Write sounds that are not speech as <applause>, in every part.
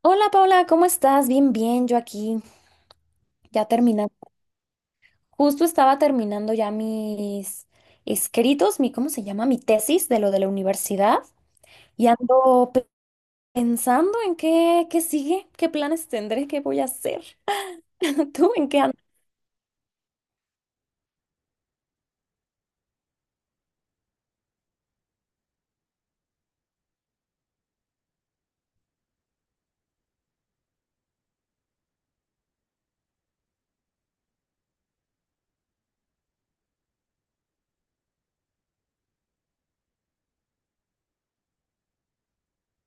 Hola Paula, ¿cómo estás? Bien, bien, yo aquí ya terminando. Justo estaba terminando ya mis escritos, mi, ¿cómo se llama? Mi tesis de lo de la universidad y ando pensando en qué sigue, qué planes tendré, qué voy a hacer. <laughs> ¿Tú en qué andas?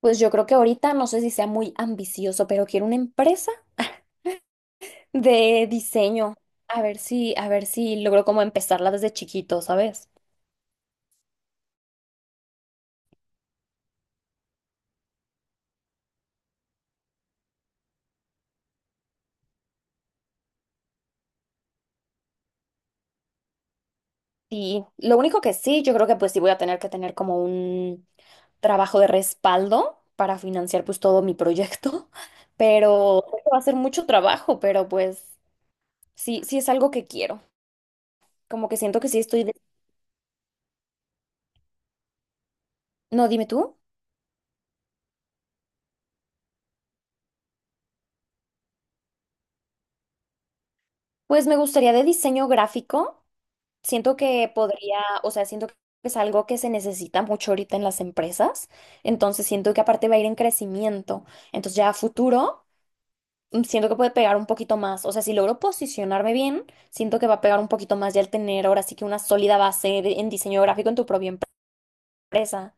Pues yo creo que ahorita no sé si sea muy ambicioso, pero quiero una empresa de diseño. A ver si logro como empezarla desde chiquito, ¿sabes? Y lo único que sí, yo creo que pues sí voy a tener que tener como un trabajo de respaldo para financiar pues todo mi proyecto. <laughs> Pero creo que va a ser mucho trabajo, pero pues sí, sí es algo que quiero, como que siento que sí estoy. No, dime tú. Pues me gustaría de diseño gráfico, siento que podría, o sea, siento que es algo que se necesita mucho ahorita en las empresas, entonces siento que aparte va a ir en crecimiento, entonces ya a futuro. Siento que puede pegar un poquito más. O sea, si logro posicionarme bien, siento que va a pegar un poquito más ya al tener ahora sí que una sólida en diseño gráfico en tu propia empresa.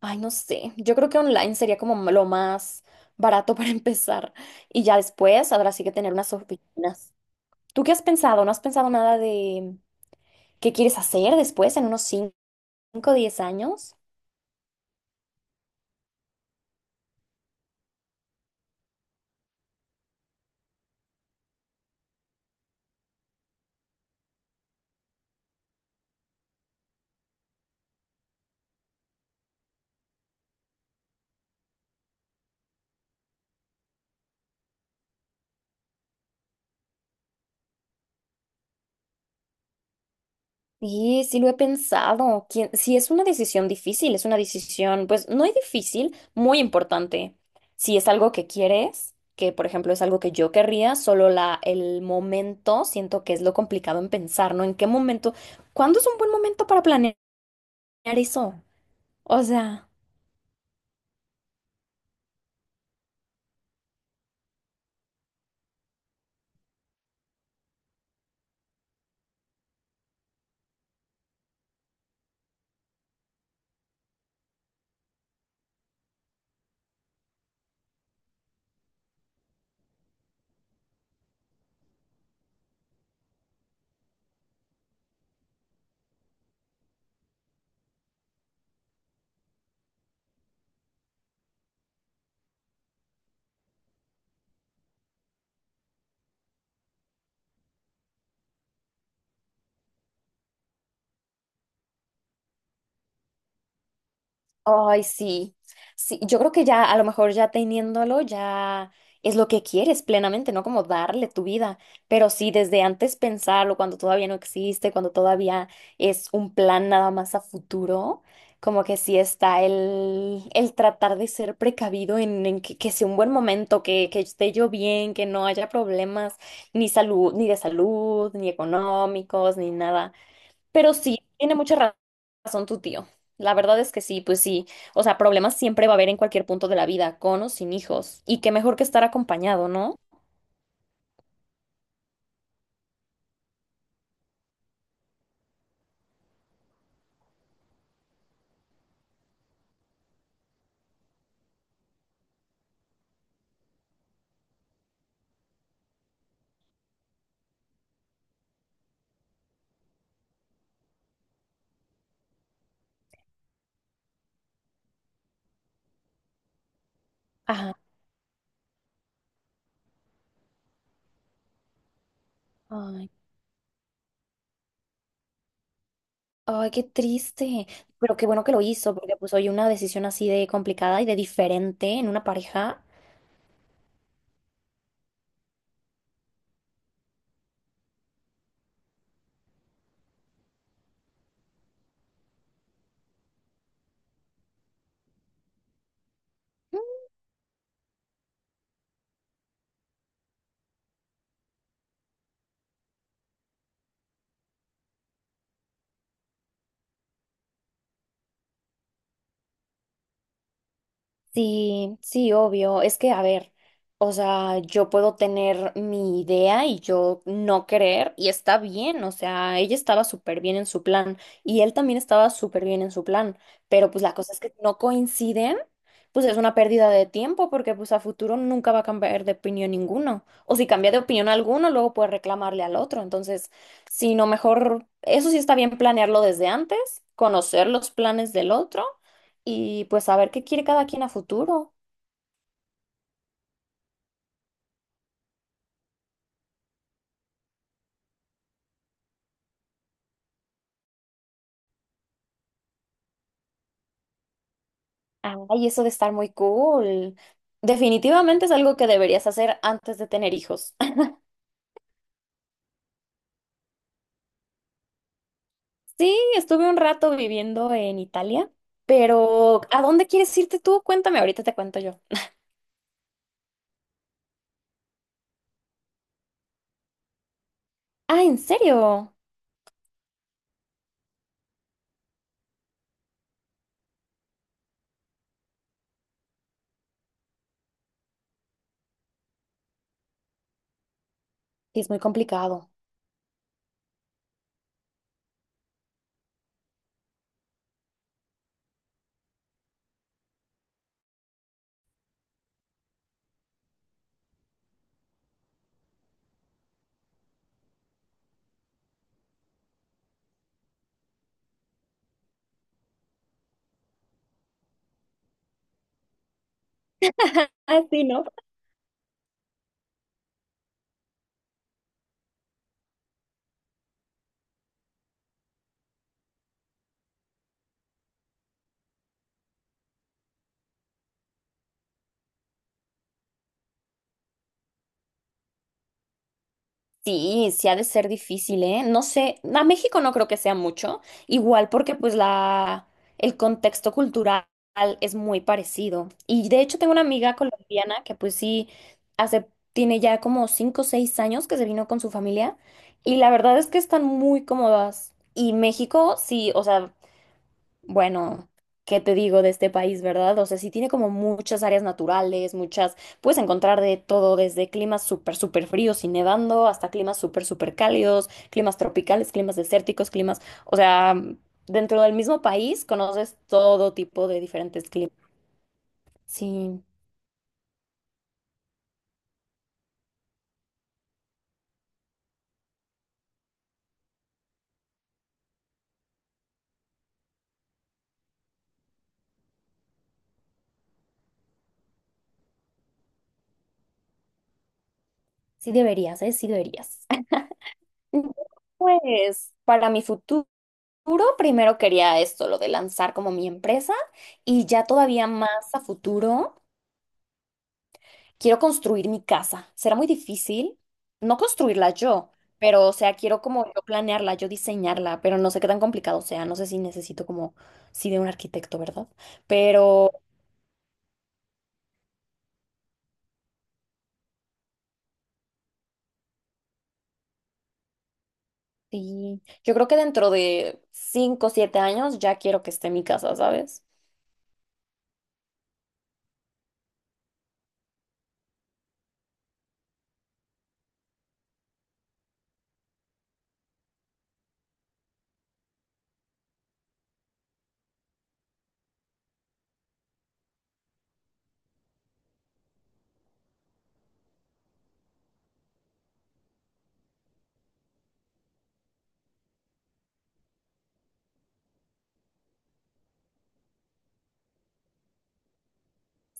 Ay, no sé. Yo creo que online sería como lo más barato <laughs> para empezar. Y ya después habrá sí que tener unas oficinas. ¿Tú qué has pensado? ¿No has pensado nada de qué quieres hacer después en unos 5, o 10 años? Sí, sí lo he pensado. Sí, es una decisión difícil, es una decisión, pues no es difícil, muy importante. Si es algo que quieres, que por ejemplo es algo que yo querría, solo la, el momento siento que es lo complicado en pensar, ¿no? ¿En qué momento? ¿Cuándo es un buen momento para planear eso? O sea. Ay, sí. Sí, yo creo que ya, a lo mejor ya teniéndolo, ya es lo que quieres plenamente, ¿no? Como darle tu vida. Pero sí, desde antes pensarlo, cuando todavía no existe, cuando todavía es un plan nada más a futuro, como que sí está el tratar de ser precavido en que sea un buen momento, que esté yo bien, que no haya problemas, ni salud, ni de salud, ni económicos, ni nada. Pero sí, tiene mucha razón tu tío. La verdad es que sí, pues sí. O sea, problemas siempre va a haber en cualquier punto de la vida, con o sin hijos. Y qué mejor que estar acompañado, ¿no? Ajá. Ay, ay, qué triste. Pero qué bueno que lo hizo, porque pues hoy una decisión así de complicada y de diferente en una pareja. Sí, sí, obvio. Es que, a ver, o sea, yo puedo tener mi idea y yo no creer y está bien, o sea, ella estaba súper bien en su plan y él también estaba súper bien en su plan, pero pues la cosa es que si no coinciden, pues es una pérdida de tiempo porque pues a futuro nunca va a cambiar de opinión ninguno. O si cambia de opinión alguno, luego puede reclamarle al otro. Entonces, si no, mejor, eso sí está bien planearlo desde antes, conocer los planes del otro y pues saber qué quiere cada quien a futuro. Ay, eso de estar muy cool. Definitivamente es algo que deberías hacer antes de tener hijos. <laughs> Sí, estuve un rato viviendo en Italia, pero ¿a dónde quieres irte tú? Cuéntame, ahorita te cuento yo. Ah, ¿en serio? Sí, es muy complicado. <laughs> Ah, sí, ¿no? Sí, sí ha de ser difícil, ¿eh? No sé, a México no creo que sea mucho, igual porque pues la, el contexto cultural es muy parecido. Y de hecho tengo una amiga colombiana que pues sí, hace, tiene ya como cinco o seis años que se vino con su familia y la verdad es que están muy cómodas. Y México, sí, o sea, bueno, ¿qué te digo de este país, verdad? O sea, sí tiene como muchas áreas naturales, muchas, puedes encontrar de todo, desde climas súper, súper fríos y nevando, hasta climas súper, súper cálidos, climas tropicales, climas desérticos, climas, o sea, dentro del mismo país conoces todo tipo de diferentes climas. Sí, sí deberías, ¿eh? Sí deberías. <laughs> Pues para mi futuro, primero quería esto, lo de lanzar como mi empresa y ya todavía más a futuro. Quiero construir mi casa. Será muy difícil no construirla yo, pero o sea, quiero como yo planearla, yo diseñarla, pero no sé qué tan complicado sea, no sé si necesito como sí de un arquitecto, ¿verdad? Pero sí, yo creo que dentro de cinco o siete años ya quiero que esté mi casa, ¿sabes?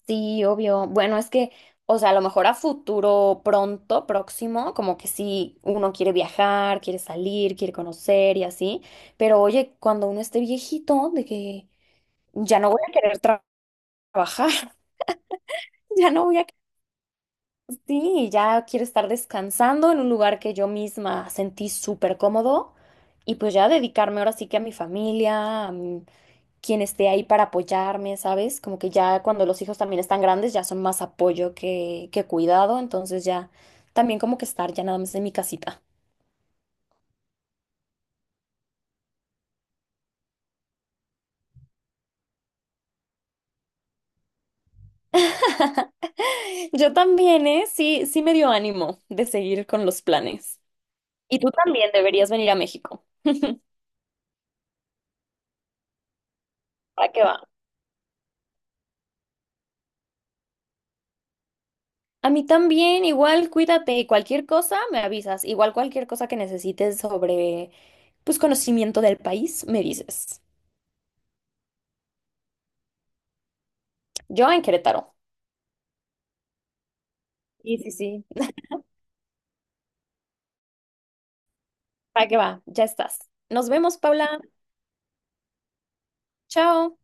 Sí, obvio. Bueno, es que, o sea, a lo mejor a futuro pronto, próximo, como que sí, uno quiere viajar, quiere salir, quiere conocer y así, pero oye, cuando uno esté viejito, de que ya no voy a querer trabajar. <laughs> Ya no voy a, sí, ya quiero estar descansando en un lugar que yo misma sentí súper cómodo y pues ya dedicarme ahora sí que a mi familia, a quien esté ahí para apoyarme, ¿sabes? Como que ya cuando los hijos también están grandes ya son más apoyo que cuidado, entonces ya también como que estar ya nada más en mi casita. <laughs> Yo también, ¿eh? Sí, sí me dio ánimo de seguir con los planes. Y tú también deberías venir a México. ¿Para qué va? A mí también, igual cuídate y cualquier cosa me avisas. Igual cualquier cosa que necesites sobre, pues, conocimiento del país, me dices. Yo en Querétaro. Sí, sí, sí. Para qué va, ya estás. Nos vemos, Paula. Chao.